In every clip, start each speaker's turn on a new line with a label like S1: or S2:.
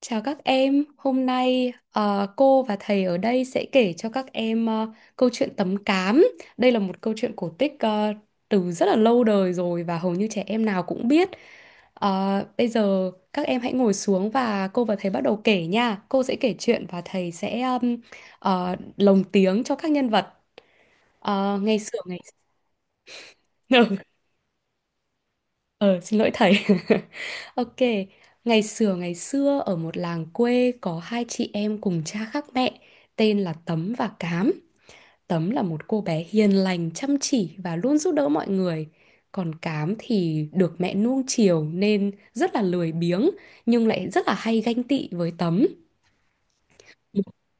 S1: Chào các em, hôm nay cô và thầy ở đây sẽ kể cho các em câu chuyện Tấm Cám. Đây là một câu chuyện cổ tích từ rất là lâu đời rồi và hầu như trẻ em nào cũng biết. Bây giờ các em hãy ngồi xuống và cô và thầy bắt đầu kể nha. Cô sẽ kể chuyện và thầy sẽ lồng tiếng cho các nhân vật. Ngày xưa ngày Ờ, xin lỗi thầy. Ok, ngày xưa ở một làng quê có hai chị em cùng cha khác mẹ, tên là Tấm và Cám. Tấm là một cô bé hiền lành, chăm chỉ và luôn giúp đỡ mọi người. Còn Cám thì được mẹ nuông chiều nên rất là lười biếng, nhưng lại rất là hay ganh tị với Tấm.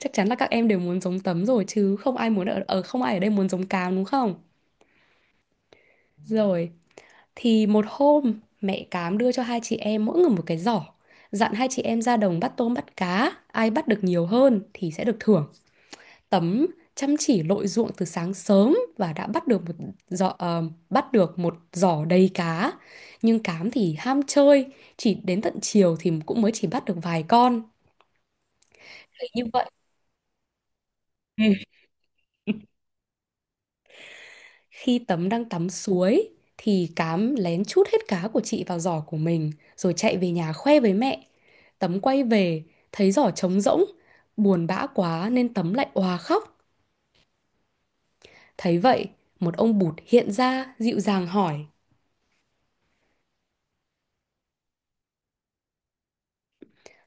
S1: Chắc chắn là các em đều muốn giống Tấm rồi, chứ không ai muốn ở, ở không ai ở đây muốn giống Cám đúng không? Rồi, thì một hôm mẹ Cám đưa cho hai chị em mỗi người một cái giỏ, dặn hai chị em ra đồng bắt tôm bắt cá. Ai bắt được nhiều hơn thì sẽ được thưởng. Tấm chăm chỉ lội ruộng từ sáng sớm và đã bắt được một giỏ ờ, bắt được một giỏ đầy cá. Nhưng Cám thì ham chơi, chỉ đến tận chiều thì cũng mới chỉ bắt được vài con. Thế như vậy, ừ. Khi Tấm đang tắm suối thì Cám lén trút hết cá của chị vào giỏ của mình rồi chạy về nhà khoe với mẹ. Tấm quay về thấy giỏ trống rỗng, buồn bã quá nên Tấm lại òa khóc. Thấy vậy, một ông Bụt hiện ra dịu dàng hỏi.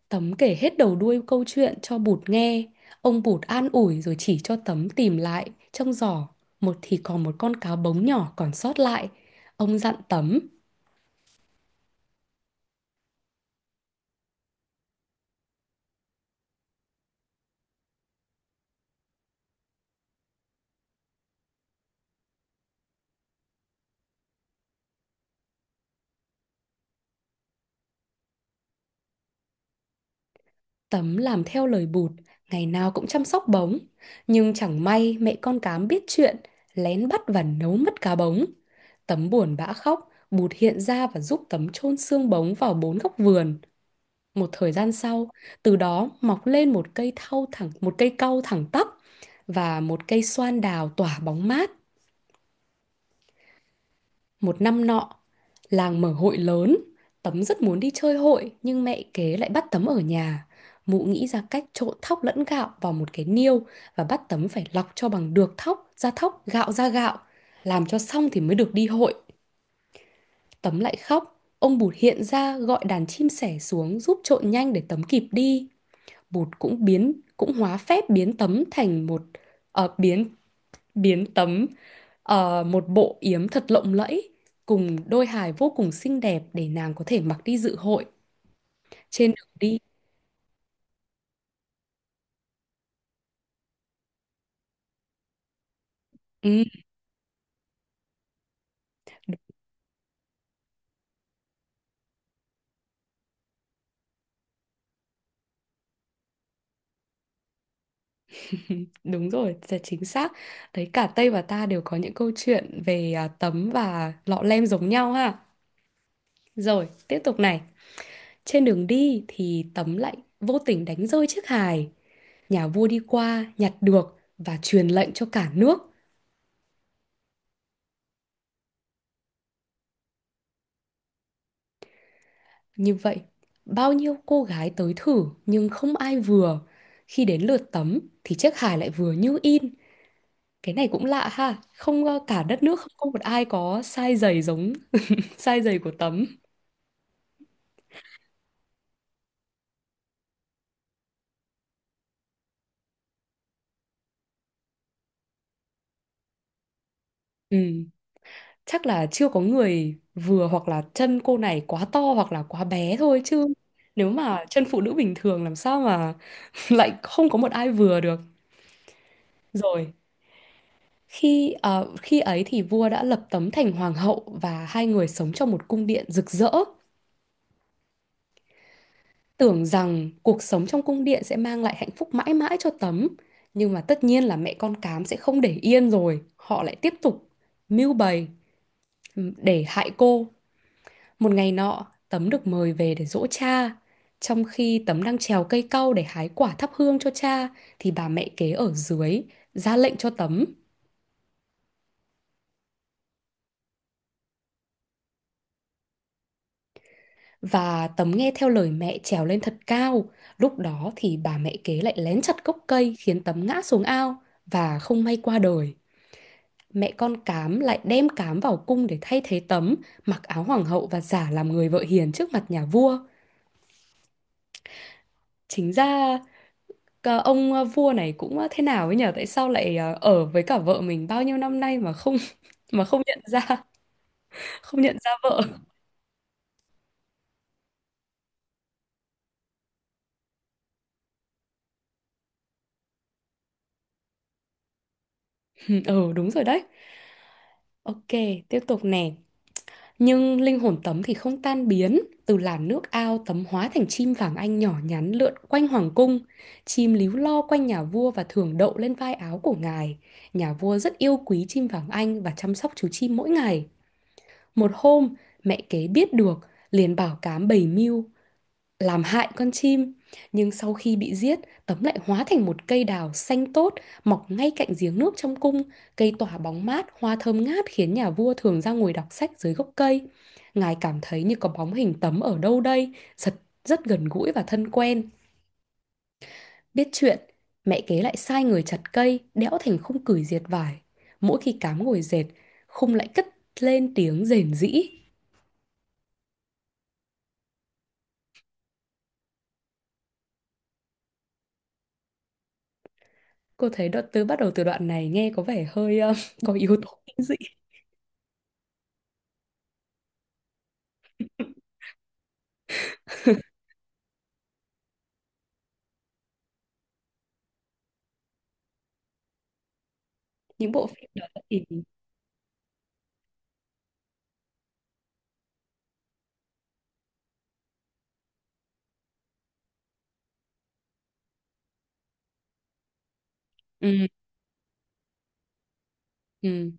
S1: Tấm kể hết đầu đuôi câu chuyện cho Bụt nghe. Ông Bụt an ủi rồi chỉ cho Tấm tìm lại trong giỏ. Một thì còn một con cá bống nhỏ còn sót lại. Ông dặn Tấm. Tấm làm theo lời Bụt, ngày nào cũng chăm sóc bóng. Nhưng chẳng may mẹ con Cám biết chuyện, lén bắt và nấu mất cá bóng. Tấm buồn bã khóc, Bụt hiện ra và giúp Tấm chôn xương bóng vào bốn góc vườn. Một thời gian sau, từ đó mọc lên một cây thau thẳng, một cây cau thẳng tắp và một cây xoan đào tỏa bóng mát. Một năm nọ, làng mở hội lớn, Tấm rất muốn đi chơi hội nhưng mẹ kế lại bắt Tấm ở nhà. Mụ nghĩ ra cách trộn thóc lẫn gạo vào một cái niêu và bắt Tấm phải lọc cho bằng được thóc ra thóc, gạo ra gạo. Làm cho xong thì mới được đi hội. Tấm lại khóc. Ông Bụt hiện ra gọi đàn chim sẻ xuống giúp trộn nhanh để Tấm kịp đi. Bụt cũng hóa phép biến Tấm thành một, ờ, biến biến tấm một bộ yếm thật lộng lẫy cùng đôi hài vô cùng xinh đẹp để nàng có thể mặc đi dự hội. Trên đường đi, ừ, đúng rồi, là chính xác đấy. Cả Tây và ta đều có những câu chuyện về Tấm và Lọ Lem giống nhau ha. Rồi tiếp tục này, trên đường đi thì Tấm lại vô tình đánh rơi chiếc hài. Nhà vua đi qua nhặt được và truyền lệnh cho cả nước. Như vậy, bao nhiêu cô gái tới thử nhưng không ai vừa. Khi đến lượt Tấm thì chiếc hài lại vừa như in. Cái này cũng lạ ha, không cả đất nước không có một ai có size giày giống size giày của Tấm. Ừ, chắc là chưa có người vừa, hoặc là chân cô này quá to hoặc là quá bé thôi chứ. Nếu mà chân phụ nữ bình thường làm sao mà lại không có một ai vừa được. Rồi, khi khi ấy thì vua đã lập Tấm thành hoàng hậu và hai người sống trong một cung điện rực rỡ, tưởng rằng cuộc sống trong cung điện sẽ mang lại hạnh phúc mãi mãi cho Tấm. Nhưng mà tất nhiên là mẹ con Cám sẽ không để yên rồi, họ lại tiếp tục mưu bày để hại cô. Một ngày nọ, Tấm được mời về để giỗ cha. Trong khi Tấm đang trèo cây cau để hái quả thắp hương cho cha thì bà mẹ kế ở dưới ra lệnh cho Tấm. Và Tấm nghe theo lời mẹ trèo lên thật cao. Lúc đó thì bà mẹ kế lại lén chặt gốc cây khiến Tấm ngã xuống ao và không may qua đời. Mẹ con Cám lại đem Cám vào cung để thay thế Tấm, mặc áo hoàng hậu và giả làm người vợ hiền trước mặt nhà vua. Chính ra vua này cũng thế nào ấy nhở? Tại sao lại ở với cả vợ mình bao nhiêu năm nay mà không mà không không nhận ra vợ. Ừ, đúng rồi đấy. Ok, tiếp tục nè. Nhưng linh hồn Tấm thì không tan biến, từ làn nước ao Tấm hóa thành chim vàng anh nhỏ nhắn lượn quanh hoàng cung. Chim líu lo quanh nhà vua và thường đậu lên vai áo của ngài. Nhà vua rất yêu quý chim vàng anh và chăm sóc chú chim mỗi ngày. Một hôm, mẹ kế biết được, liền bảo Cám bày mưu làm hại con chim. Nhưng sau khi bị giết, Tấm lại hóa thành một cây đào xanh tốt, mọc ngay cạnh giếng nước trong cung. Cây tỏa bóng mát, hoa thơm ngát khiến nhà vua thường ra ngồi đọc sách dưới gốc cây. Ngài cảm thấy như có bóng hình Tấm ở đâu đây, rất, rất gần gũi và thân quen. Biết chuyện, mẹ kế lại sai người chặt cây, đẽo thành khung cửi diệt vải. Mỗi khi Cám ngồi dệt, khung lại cất lên tiếng rền rĩ. Cô thấy đoạn từ bắt đầu từ đoạn này nghe có vẻ hơi có yếu tố kinh dị. Những bộ phim đó thì ừ, ừ,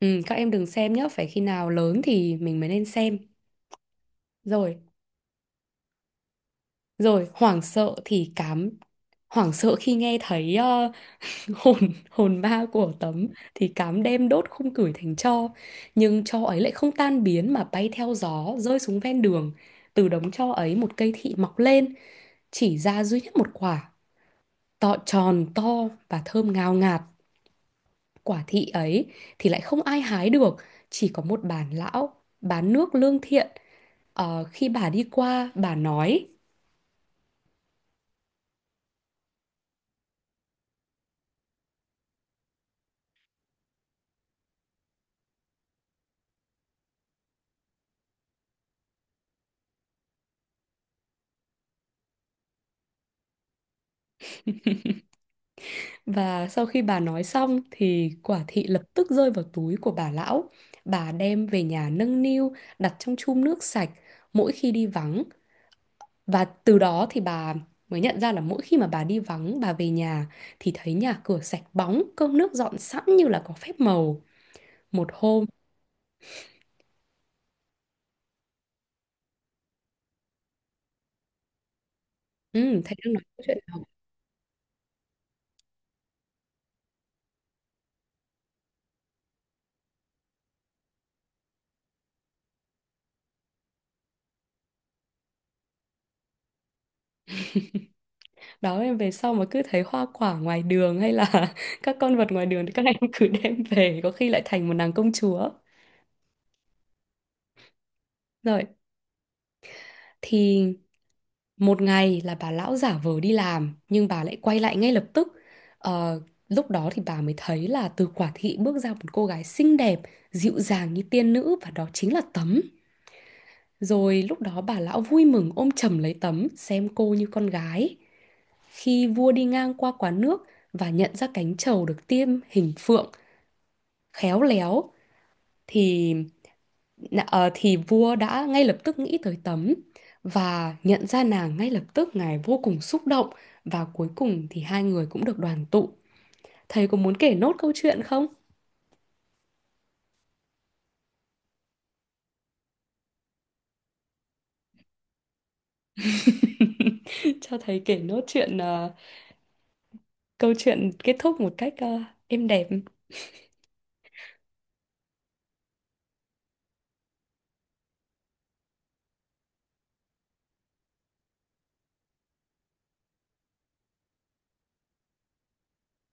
S1: ừ, các em đừng xem nhé, phải khi nào lớn thì mình mới nên xem. Rồi, rồi hoảng sợ thì Cám hoảng sợ khi nghe thấy hồn hồn ma của Tấm thì Cám đem đốt khung cửi thành tro, nhưng tro ấy lại không tan biến mà bay theo gió rơi xuống ven đường. Từ đống tro ấy một cây thị mọc lên, chỉ ra duy nhất một quả tròn to và thơm ngào ngạt. Quả thị ấy thì lại không ai hái được, chỉ có một bà lão bán nước lương thiện. Khi bà đi qua bà nói. Và sau khi bà nói xong thì quả thị lập tức rơi vào túi của bà lão. Bà đem về nhà nâng niu, đặt trong chum nước sạch mỗi khi đi vắng. Và từ đó thì bà mới nhận ra là mỗi khi mà bà đi vắng bà về nhà thì thấy nhà cửa sạch bóng, cơm nước dọn sẵn như là có phép màu. Một hôm, ừ, thầy đang nói câu chuyện đó. Đó, em về sau mà cứ thấy hoa quả ngoài đường hay là các con vật ngoài đường thì các em cứ đem về, có khi lại thành một nàng công chúa. Rồi, thì một ngày là bà lão giả vờ đi làm nhưng bà lại quay lại ngay lập tức. Ờ, Lúc đó thì bà mới thấy là từ quả thị bước ra một cô gái xinh đẹp dịu dàng như tiên nữ, và đó chính là Tấm. Rồi lúc đó bà lão vui mừng ôm chầm lấy Tấm, xem cô như con gái. Khi vua đi ngang qua quán nước và nhận ra cánh trầu được tiêm hình phượng khéo léo thì ờ, thì vua đã ngay lập tức nghĩ tới Tấm và nhận ra nàng ngay lập tức. Ngài vô cùng xúc động và cuối cùng thì hai người cũng được đoàn tụ. Thầy có muốn kể nốt câu chuyện không? Cho thầy kể nốt câu chuyện kết thúc một cách êm đẹp.